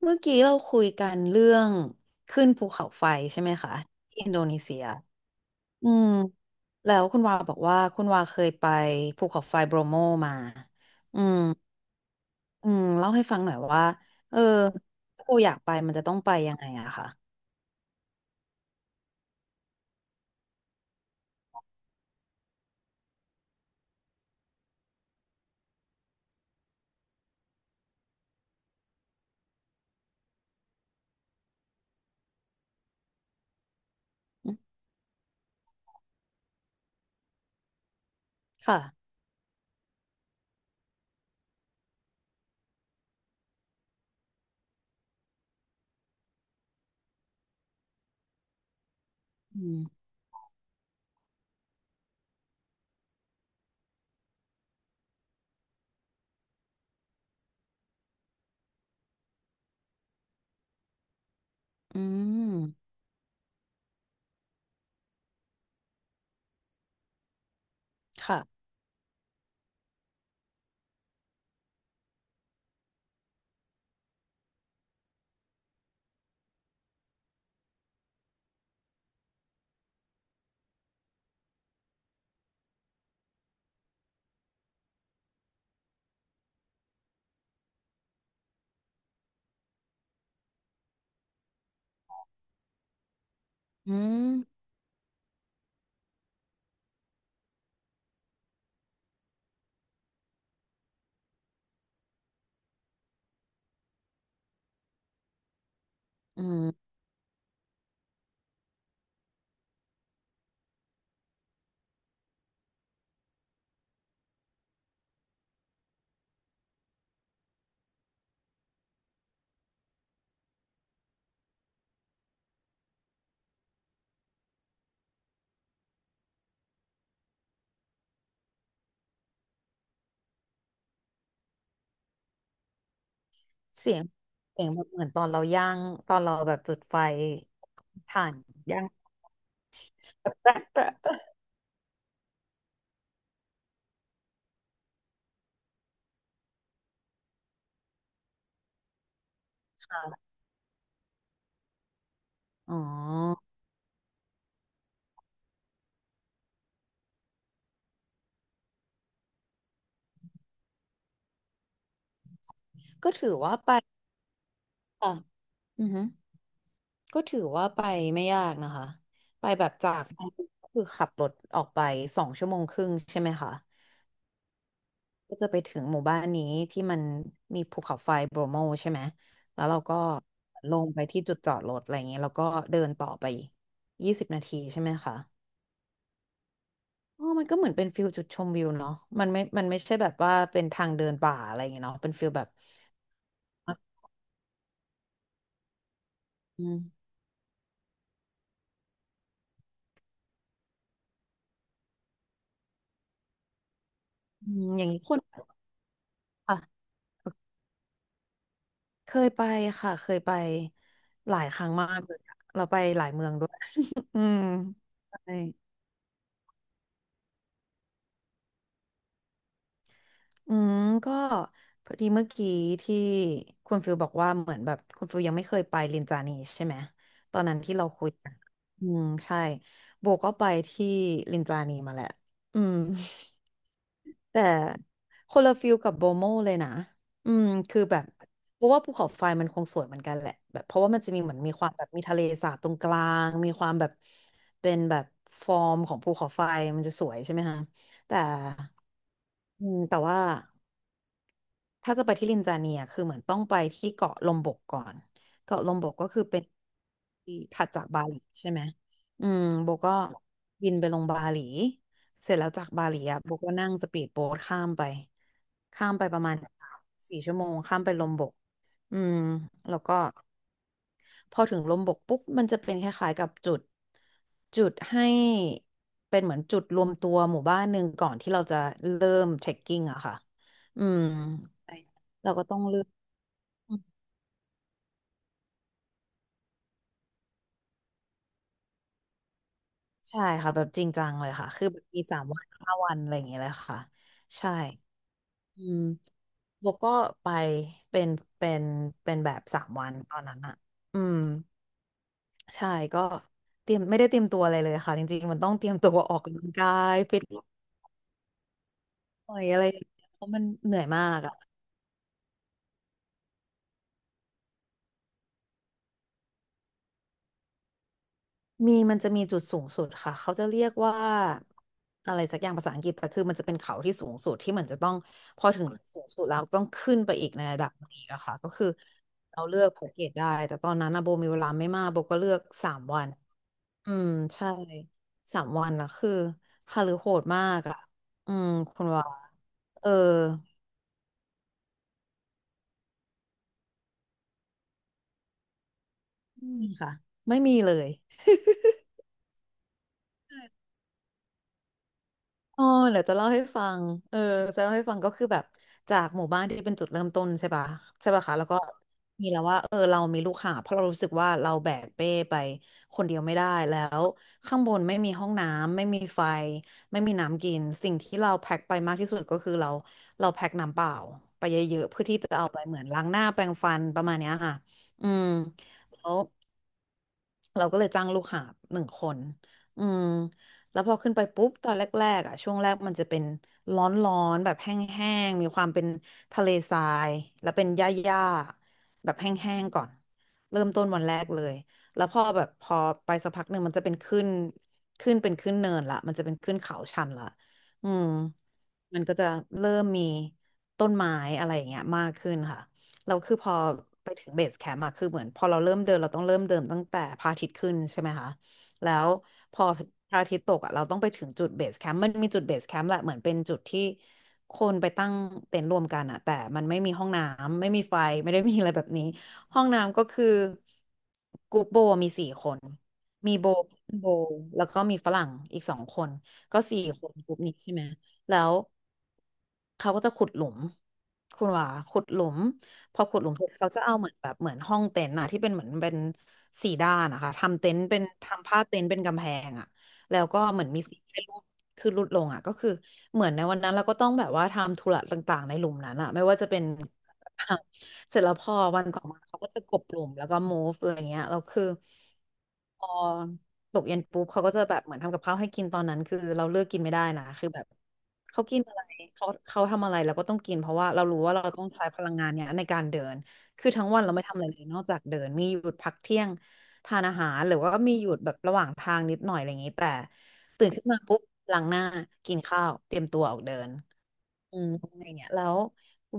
เมื่อกี้เราคุยกันเรื่องขึ้นภูเขาไฟใช่ไหมคะที่อินโดนีเซียอืมแล้วคุณวาบอกว่าคุณวาเคยไปภูเขาไฟโบรโมมาอืมเล่าให้ฟังหน่อยว่าเออถ้าเราอยากไปมันจะต้องไปยังไงอะค่ะอืมค่ะอืมอืมค่ะอืมอืมเสียงเสียงแบบเหมือนตอนเราย่างตอนเราแบบจุดไฟถ่านย่าง แปะแปะแปะค่ะอ๋อก็ถือว่าไป อือฮึก็ถือว่าไปไม่ยากนะคะไปแบบจากก็คือขับรถออกไป2 ชั่วโมงครึ่งใช่ไหมคะก็จะไปถึงหมู่บ้านนี้ที่มันมีภูเขาไฟโบรโมใช่ไหมแล้วเราก็ลงไปที่จุดจอดรถอะไรอย่างเงี้ยแล้วก็เดินต่อไป20 นาทีใช่ไหมคะอ๋อมันก็เหมือนเป็นฟิลจุดชมวิวเนาะมันไม่มันไม่ใช่แบบว่าเป็นทางเดินป่าอะไรอย่างเงี้ยเนาะเป็นฟิลแบบอืมอืมอย่างนี้คนค่ะ เคยไปค่ะเคยไปหลายครั้งมากเลยอะเราไปหลายเมืองด้วยอืมใช่อืมก็พอดีเมื่อกี้ที่คุณฟิลบอกว่าเหมือนแบบคุณฟิลยังไม่เคยไปลินจานีใช่ไหมตอนนั้นที่เราคุยกันอืมใช่โบก็ไปที่ลินจานีมาแหละอืม แต่คนละฟิลกับโบโมเลยนะอืมคือแบบเพราะว่าภูเขาไฟมันคงสวยเหมือนกันแหละแบบเพราะว่ามันจะมีเหมือนมีความแบบมีทะเลสาบตรงกลางมีความแบบเป็นแบบฟอร์มของภูเขาไฟมันจะสวยใช่ไหมฮะแต่อืมแต่ว่า ถ้าจะไปที่ลินจาเนียคือเหมือนต้องไปที่เกาะลมบกก่อนเกาะลมบกก็คือเป็นที่ถัดจากบาหลีใช่ไหมอืมโบก็บินไปลงบาหลีเสร็จแล้วจากบาหลีอ่ะโบก็นั่งสปีดโบ๊ทข้ามไปข้ามไปประมาณ4 ชั่วโมงข้ามไปลมบกอืมแล้วก็ พอถึงลมบกปุ๊บมันจะเป็นคล้ายๆกับจุดจุดให้เป็นเหมือนจุดรวมตัวหมู่บ้านหนึ่งก่อนที่เราจะเริ่มเทรคกิ้งอะค่ะอืมเราก็ต้องเลือกอืมใช่ค่ะแบบจริงจังเลยค่ะคือแบบมี3 วัน 5 วันอะไรอย่างเงี้ยเลยค่ะใช่อืมโบก็ไปเป็นเป็นเป็นแบบสามวันตอนนั้นอะอืมใช่ก็เตรียมไม่ได้เตรียมตัวอะไรเลยค่ะจริงๆมันต้องเตรียมตัวออกกำลังกายฟิต หน่อยอะไรอย่างเงี้ยเพราะมันเหนื่อยมากอ่ะมีมันจะมีจุดสูงสุดค่ะเขาจะเรียกว่าอะไรสักอย่างภาษาอังกฤษแต่คือมันจะเป็นเขาที่สูงสุดที่เหมือนจะต้องพอถึงจุดสูงสุดแล้วต้องขึ้นไปอีกในระดับหนึ่งอีกอะค่ะก็คือเราเลือกแพ็กเกจได้แต่ตอนนั้นนะโบมีเวลาไม่มากโบก็เลือกสามวันอืมใช่สามวันนะคือฮาลือโหดมากอ่ะอืมคุณว่าเออไม่มีค่ะไม่มีเลย อ๋อเดี๋ยวจะเล่าให้ฟังเออจะเล่าให้ฟังก็คือแบบจากหมู่บ้านที่เป็นจุดเริ่มต้นใช่ปะใช่ปะคะแล้วก็มีแล้วว่าเรามีลูกหาบเพราะเรารู้สึกว่าเราแบกเป้ไปคนเดียวไม่ได้แล้วข้างบนไม่มีห้องน้ำไม่มีไฟไม่มีน้ำกินสิ่งที่เราแพ็คไปมากที่สุดก็คือเราเราแพ็คน้ำเปล่าไปเยอะๆเพื่อที่จะเอาไปเหมือนล้างหน้าแปรงฟันประมาณเนี้ยค่ะอืมแล้ว เราก็เลยจ้างลูกหาบหนึ่งคนอืมแล้วพอขึ้นไปปุ๊บตอนแรกๆอ่ะช่วงแรกมันจะเป็นร้อนๆแบบแห้งๆมีความเป็นทะเลทรายแล้วเป็นหญ้าๆแบบแห้งๆก่อนเริ่มต้นวันแรกเลยแล้วพอแบบพอไปสักพักหนึ่งมันจะเป็นขึ้นขึ้นเป็นขึ้นเนินละมันจะเป็นขึ้นเขาชันละอืมมันก็จะเริ่มมีต้นไม้อะไรอย่างเงี้ยมากขึ้นค่ะ เราคือพอไปถึงเบสแคมป์อะคือเหมือนพอเราเริ่มเดินเราต้องเริ่มเดินตั้งแต่พระอาทิตย์ขึ้นใช่ไหมคะแล้วพอพระอาทิตย์ตกอะเราต้องไปถึงจุดเบสแคมป์มันมีจุดเบสแคมป์แหละเหมือนเป็นจุดที่คนไปตั้งเต็นท์รวมกันอะแต่มันไม่มีห้องน้ำไม่มีไฟไม่ได้มีอะไรแบบนี้ห้องน้ำก็คือกรุ๊ปโบมีสี่คนมีโบโบแล้วก็มีฝรั่งอีกสองคนก็สี่คนกรุ๊ปนี้ใช่ไหมแล้วเขาก็จะขุดหลุมคุณหว่าขุดหลุม พอขุดหลุมเสร็จเขาจะเอาเหมือนแบบเหมือนห้องเต็นท์อะที่เป็นเหมือนเป็นสี่ด้านนะคะทำเต็นท์เป็นทำผ้าเต็นท์เป็นกำแพงอะแล้วก็เหมือนมีสีให้รูปคือรูดลงอะก็คือเหมือนในวันนั้นเราก็ต้องแบบว่าทำธุระต่างๆในหลุมนั้นอะไม่ว่าจะเป็น เสร็จแล้วพอวันต่อมาเขาก็จะกลบหลุมแล้วก็ move อะไรเงี้ยแล้วคือ พอตกเย็นปุ๊บเขาก็จะแบบเหมือนทำกับข้าวให้กินตอนนั้นคือเราเลือกกินไม่ได้นะคือแบบเขากินอะไรเขาทำอะไรเราก็ต้องกินเพราะว่าเรารู้ว่าเราต้องใช้พลังงานเนี้ยในการเดินคือทั้งวันเราไม่ทำอะไรเลยนอกจากเดินมีหยุดพักเที่ยงทานอาหารหรือว่ามีหยุดแบบระหว่างทางนิดหน่อยอะไรอย่างนี้แต่ตื่นขึ้นมาปุ๊บล้างหน้ากินข้าวเตรียมตัวออกเดินอืมอะไรเงี้ยแล้ว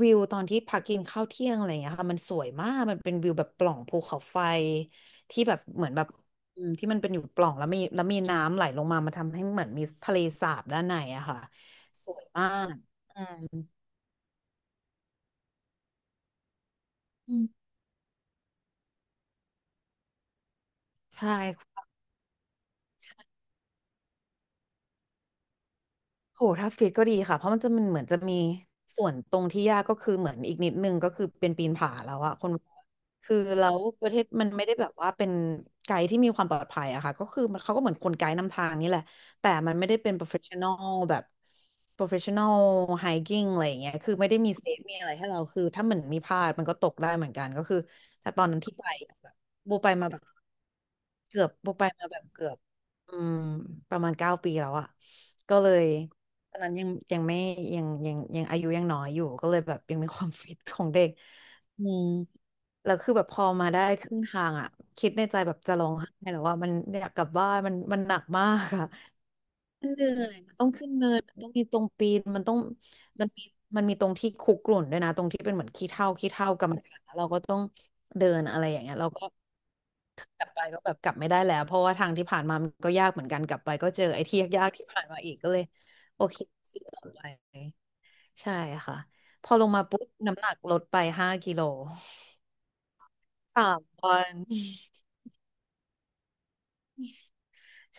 วิวตอนที่พักกินข้าวเที่ยงอะไรเงี้ยค่ะมันสวยมากมันเป็นวิวแบบปล่องภูเขาไฟที่แบบเหมือนแบบ อืมที่มันเป็นอยู่ปล่องแล้วมีน้ำไหลลงมามาทำให้เหมือนมีทะเลสาบด้านในอะค่ะสวยมากอืมใช่ โหถ้าฟิตก็ดีค่ะ เพราะมันเหมือนจะมีส่วนตรงที่ยากก็คือเหมือนอีกนิดนึงก็คือเป็นปีนผาแล้วอะคนคือแล้วประเทศมันไม่ได้แบบว่าเป็นไกด์ที่มีความปลอดภัยอะค่ะก็คือมันเขาก็เหมือนคนไกด์นำทางนี่แหละแต่มันไม่ได้เป็น professional แบบ professional hiking อะไรอย่างเงี้ยคือไม่ได้มีเซฟมีอะไรให้เราคือถ้ามันมีพลาดมันก็ตกได้เหมือนกันก็คือแต่ตอนนั้นที่ไปแบบโบไปมาแบบโบไปมาแบบเกือบอืมประมาณ9 ปีแล้วอะก็เลย ตอนนั้นยังไม่ยังอายุยังน้อยอยู่ก็เลยแบบยังมีความ ฟิตของเด็กอืมแล้วคือแบบพอมาได้ครึ่งทางอ่ะคิดในใจแบบจะร้องไห้แล้วว่ามันอยากกลับบ้านมันหนักมากอ่ะ มันเหนื่อยมันต้องขึ้นเนินมันต้องมีตรงปีนมันต้องมันมีมันมีตรงที่คุกรุ่นด้วยนะตรงที่เป็นเหมือนขี้เถ้ากรรมฐานแล้วเราก็ต้องเดินอะไรอย่างเงี้ยเราก็กลับไปก็แบบกลับไม่ได้แล้วเพราะว่าทางที่ผ่านมามันก็ยากเหมือนกันกลับไปก็เจอไอ้ที่ยากๆที่ผ่านมาอีกก็เลยโอเคสู้ต่อไปใช่ค่ะพอลงมาปุ๊บน้ำหนักลดไป5 กิโล3 วัน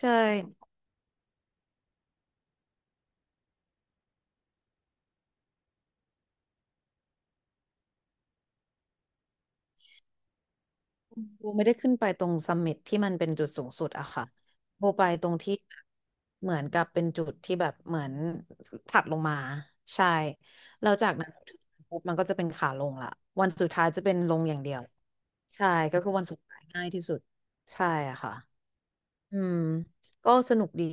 ใช่ โบไม่ได้ขึ้นไปตรงซัมมิตที่มันเป็นจุดสูงสุดอะค่ะโบไปตรงที่เหมือนกับเป็นจุดที่แบบเหมือนถัดลงมาใช่แล้วจากนั้นปุ๊บมันก็จะเป็นขาลงละวันสุดท้ายจะเป็นลงอย่างเดียวใช่ก็คือวันสุดท้ายง่ายที่สุดใช่อะค่ะอืมก็สนุกดี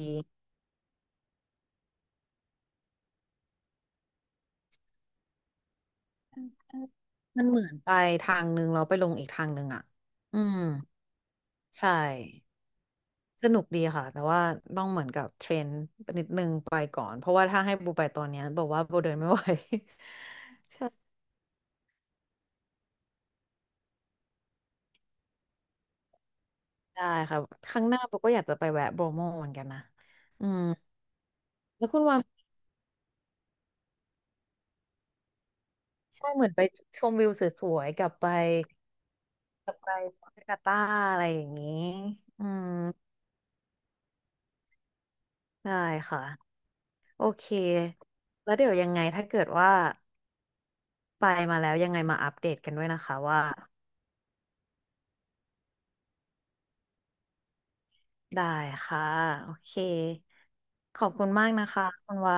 มันเหมือนไปทางนึงแล้วไปลงอีกทางนึงอะอืมใช่ สนุกดีค่ะแต่ว่าต้องเหมือนกับเทรนนิดนึงไปก่อนเพราะว่าถ้าให้โบไปตอนเนี้ยบอกว่าโบเดินไม่ไหว ได้ค่ะครั้งหน้าโบก็อยากจะไปแวะโบรโมเหมือนกันนะอืมแล้วคุณว่าใช่เหมือนไปชมวิวสวยๆกลับไปกลับไปปาการ์ต้าอะไรอย่างนี้อืมได้ค่ะโอเคแล้วเดี๋ยวยังไงถ้าเกิดว่าไปมาแล้วยังไงมาอัปเดตกันด้วยนะคะว่าได้ค่ะโอเคขอบคุณมากนะคะคุณว่า